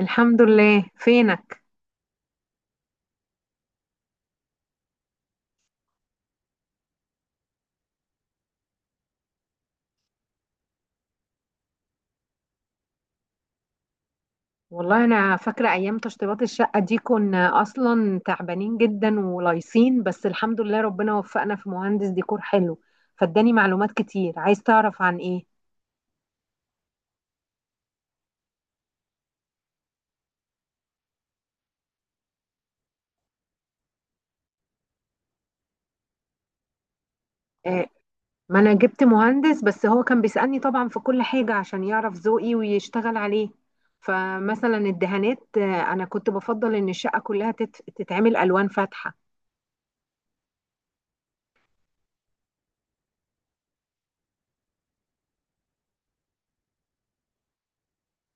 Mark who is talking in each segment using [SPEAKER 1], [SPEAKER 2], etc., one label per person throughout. [SPEAKER 1] الحمد لله. فينك؟ والله انا فاكره ايام تشطيبات الشقه دي، كنا اصلا تعبانين جدا ولايصين، بس الحمد لله ربنا وفقنا في مهندس ديكور حلو فاداني معلومات كتير. عايز تعرف عن ايه؟ آه، ما انا جبت مهندس بس هو كان بيسألني طبعا في كل حاجه عشان يعرف ذوقي ويشتغل عليه. فمثلا الدهانات، آه، انا كنت بفضل ان الشقه كلها تتعمل الوان فاتحه.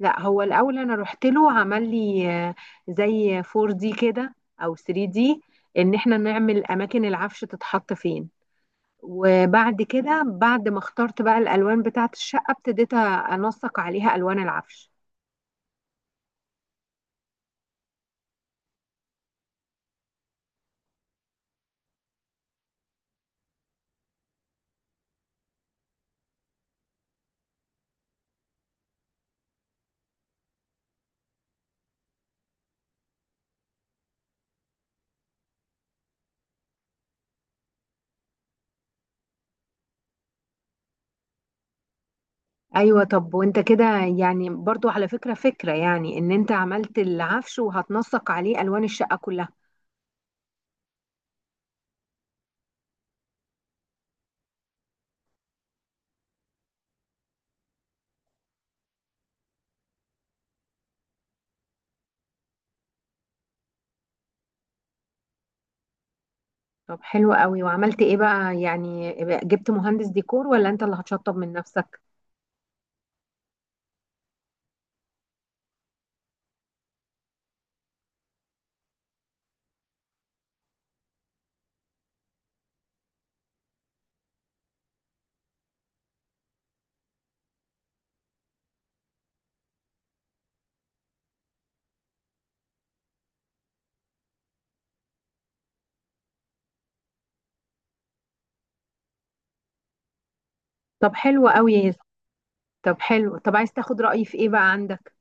[SPEAKER 1] لا، هو الاول انا رحت له عمل لي زي 4 دي كده او 3 دي، ان احنا نعمل اماكن العفش تتحط فين. وبعد كده، بعد ما اخترت بقى الالوان بتاعه الشقه، ابتديت انسق عليها الوان العفش. ايوه. طب وانت كده يعني، برضو على فكره يعني ان انت عملت العفش وهتنسق عليه الوان الشقه كلها. طب حلو قوي. وعملت ايه بقى يعني؟ جبت مهندس ديكور ولا انت اللي هتشطب من نفسك؟ طب حلو قوي. طب حلو. طب عايز تاخد رأيي في ايه بقى عندك؟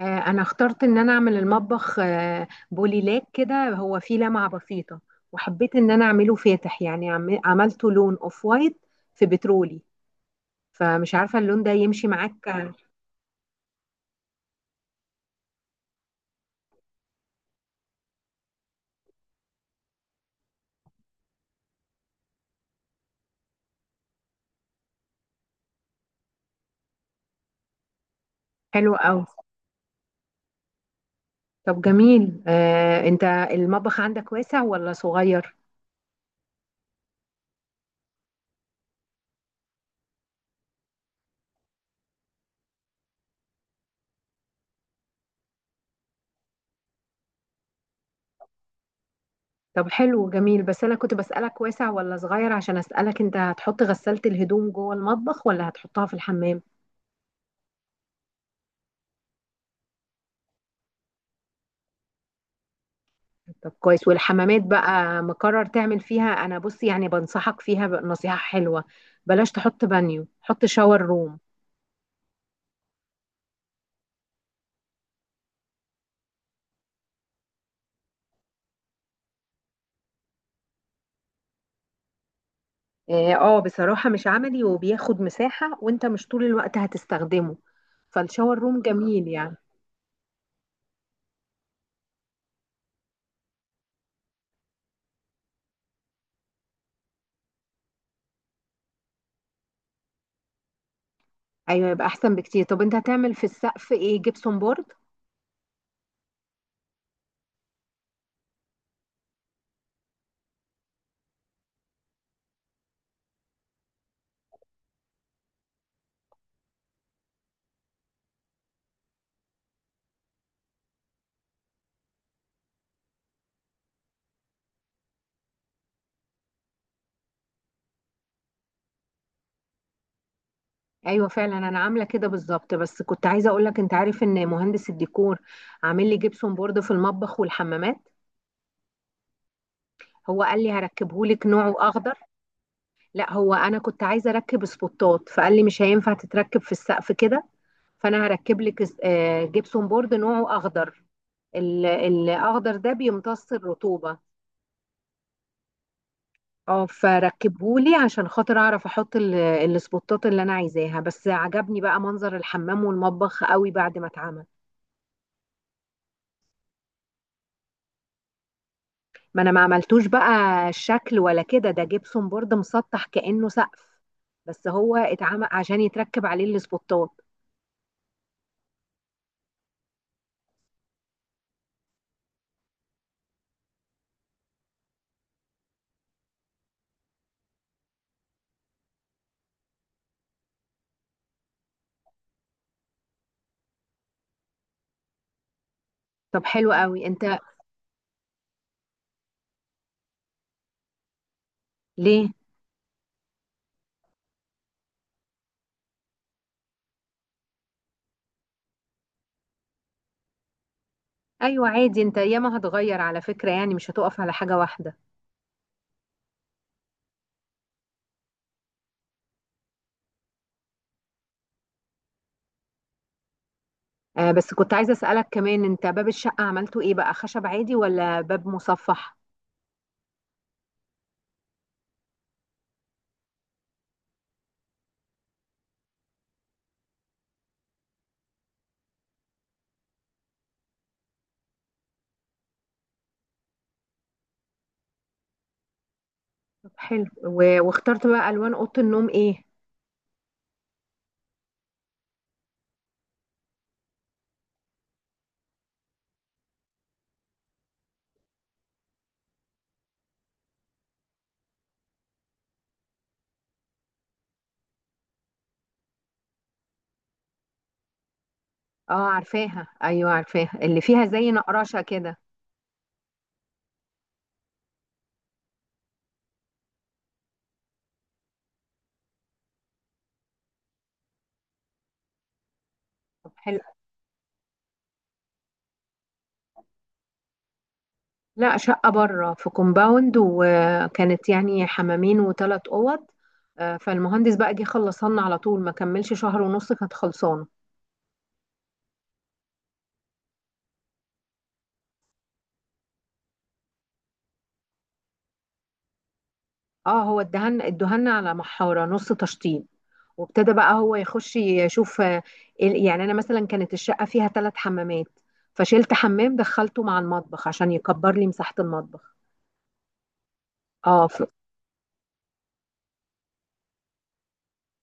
[SPEAKER 1] آه، انا اخترت ان انا اعمل المطبخ بوليلاك كده، هو فيه لمعة بسيطة. وحبيت ان انا اعمله فاتح، يعني عملته لون اوف وايت في بترولي. فمش عارفة اللون ده يمشي معاك؟ حلو قوي. طب جميل، انت المطبخ عندك واسع ولا صغير؟ طب حلو جميل، بس انا كنت بسألك واسع ولا صغير عشان اسألك انت هتحط غسالة الهدوم جوه المطبخ ولا هتحطها في الحمام؟ طب كويس. والحمامات بقى مقرر تعمل فيها، انا بص يعني بنصحك فيها نصيحة حلوة. بلاش تحط بانيو، حط شاور روم. اه، بصراحة مش عملي وبياخد مساحة، وانت مش طول الوقت هتستخدمه، فالشاور روم جميل يعني. ايوه يبقى احسن بكتير. طب انت هتعمل في السقف ايه؟ جبسون بورد؟ ايوه فعلا انا عامله كده بالظبط، بس كنت عايزه اقول لك، انت عارف ان مهندس الديكور عامل لي جبسون بورد في المطبخ والحمامات. هو قال لي هركبه لك نوعه اخضر. لا، هو انا كنت عايزه اركب سبوتات، فقال لي مش هينفع تتركب في السقف كده، فانا هركب لك جبسون بورد نوعه اخضر. الاخضر ده بيمتص الرطوبه. اه، فركبهولي عشان خاطر اعرف احط السبوتات اللي انا عايزاها، بس عجبني بقى منظر الحمام والمطبخ قوي بعد ما اتعمل. ما انا ما عملتوش بقى الشكل ولا كده، ده جبسون بورد مسطح كانه سقف، بس هو اتعمل عشان يتركب عليه السبوتات. طب حلو قوي انت. ليه؟ ايوه عادي، انت ياما هتغير على فكره يعني، مش هتقف على حاجه واحده. بس كنت عايزه اسالك كمان، انت باب الشقه عملته ايه بقى، خشب عادي ولا باب مصفح؟ طب حلو واخترت بقى الوان اوضه النوم ايه؟ اه عارفاها، ايوه عارفاها، اللي فيها زي نقراشه كده. طب حلو. لا، شقه بره في كومباوند، وكانت يعني حمامين وثلاث اوض. فالمهندس بقى جه خلصنا على طول، ما كملش شهر ونص كانت خلصانه. اه، هو ادهن على محاره نص تشطيب، وابتدى بقى هو يخش يشوف، يعني انا مثلا كانت الشقه فيها ثلاث حمامات، فشلت حمام دخلته مع المطبخ عشان يكبر لي مساحه المطبخ. اه،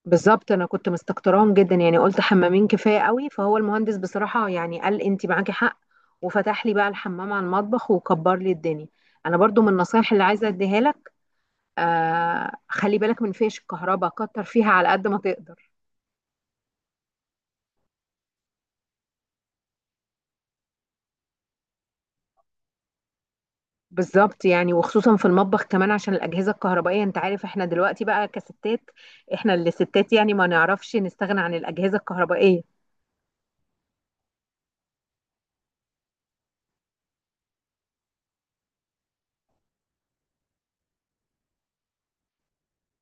[SPEAKER 1] بالظبط انا كنت مستكتراهم جدا، يعني قلت حمامين كفايه قوي، فهو المهندس بصراحه يعني قال انت معاكي حق، وفتح لي بقى الحمام على المطبخ وكبر لي الدنيا. انا برضو من النصايح اللي عايزه اديها لك، خلي بالك من فيش الكهرباء، كتر فيها على قد ما تقدر. بالظبط، يعني وخصوصا في المطبخ كمان عشان الأجهزة الكهربائية. انت عارف احنا دلوقتي بقى كستات، احنا اللي ستات يعني ما نعرفش نستغنى عن الأجهزة الكهربائية.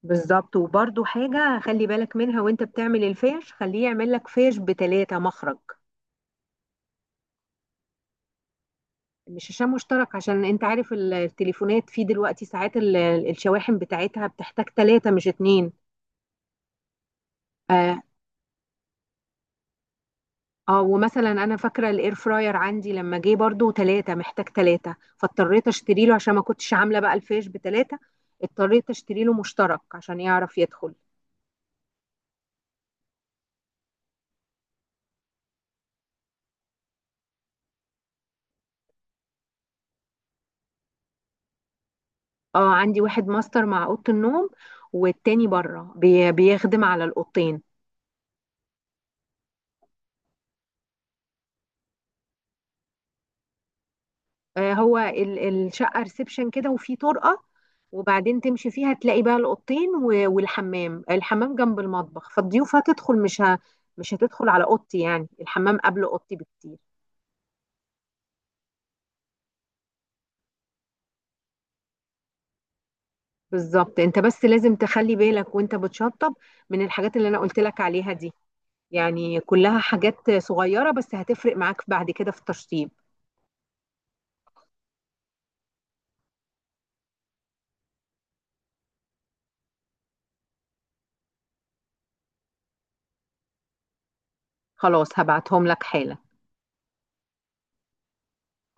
[SPEAKER 1] بالظبط. وبرضو حاجة خلي بالك منها وانت بتعمل الفيش، خليه يعمل لك فيش بتلاتة مخرج. مش شاشة مشترك، عشان انت عارف التليفونات فيه دلوقتي ساعات، الشواحن بتاعتها بتحتاج تلاتة مش اتنين. آه، اه، ومثلا انا فاكره الاير فراير عندي لما جه برضو ثلاثه محتاج ثلاثه، فاضطريت اشتري له عشان ما كنتش عامله بقى الفيش بثلاثه، اضطريت اشتري له مشترك عشان يعرف يدخل. اه عندي واحد ماستر مع اوضه النوم، والتاني بره بي بيخدم على الاوضتين. هو الشقه ريسبشن كده وفي طرقه، وبعدين تمشي فيها تلاقي بقى الاوضتين والحمام، الحمام جنب المطبخ، فالضيوف هتدخل مش هتدخل على اوضتي، يعني الحمام قبل اوضتي بكتير. بالظبط. انت بس لازم تخلي بالك وانت بتشطب من الحاجات اللي انا قلت لك عليها دي، يعني كلها حاجات صغيرة بس هتفرق معاك بعد كده في التشطيب. خلاص هبعتهم لك حالا.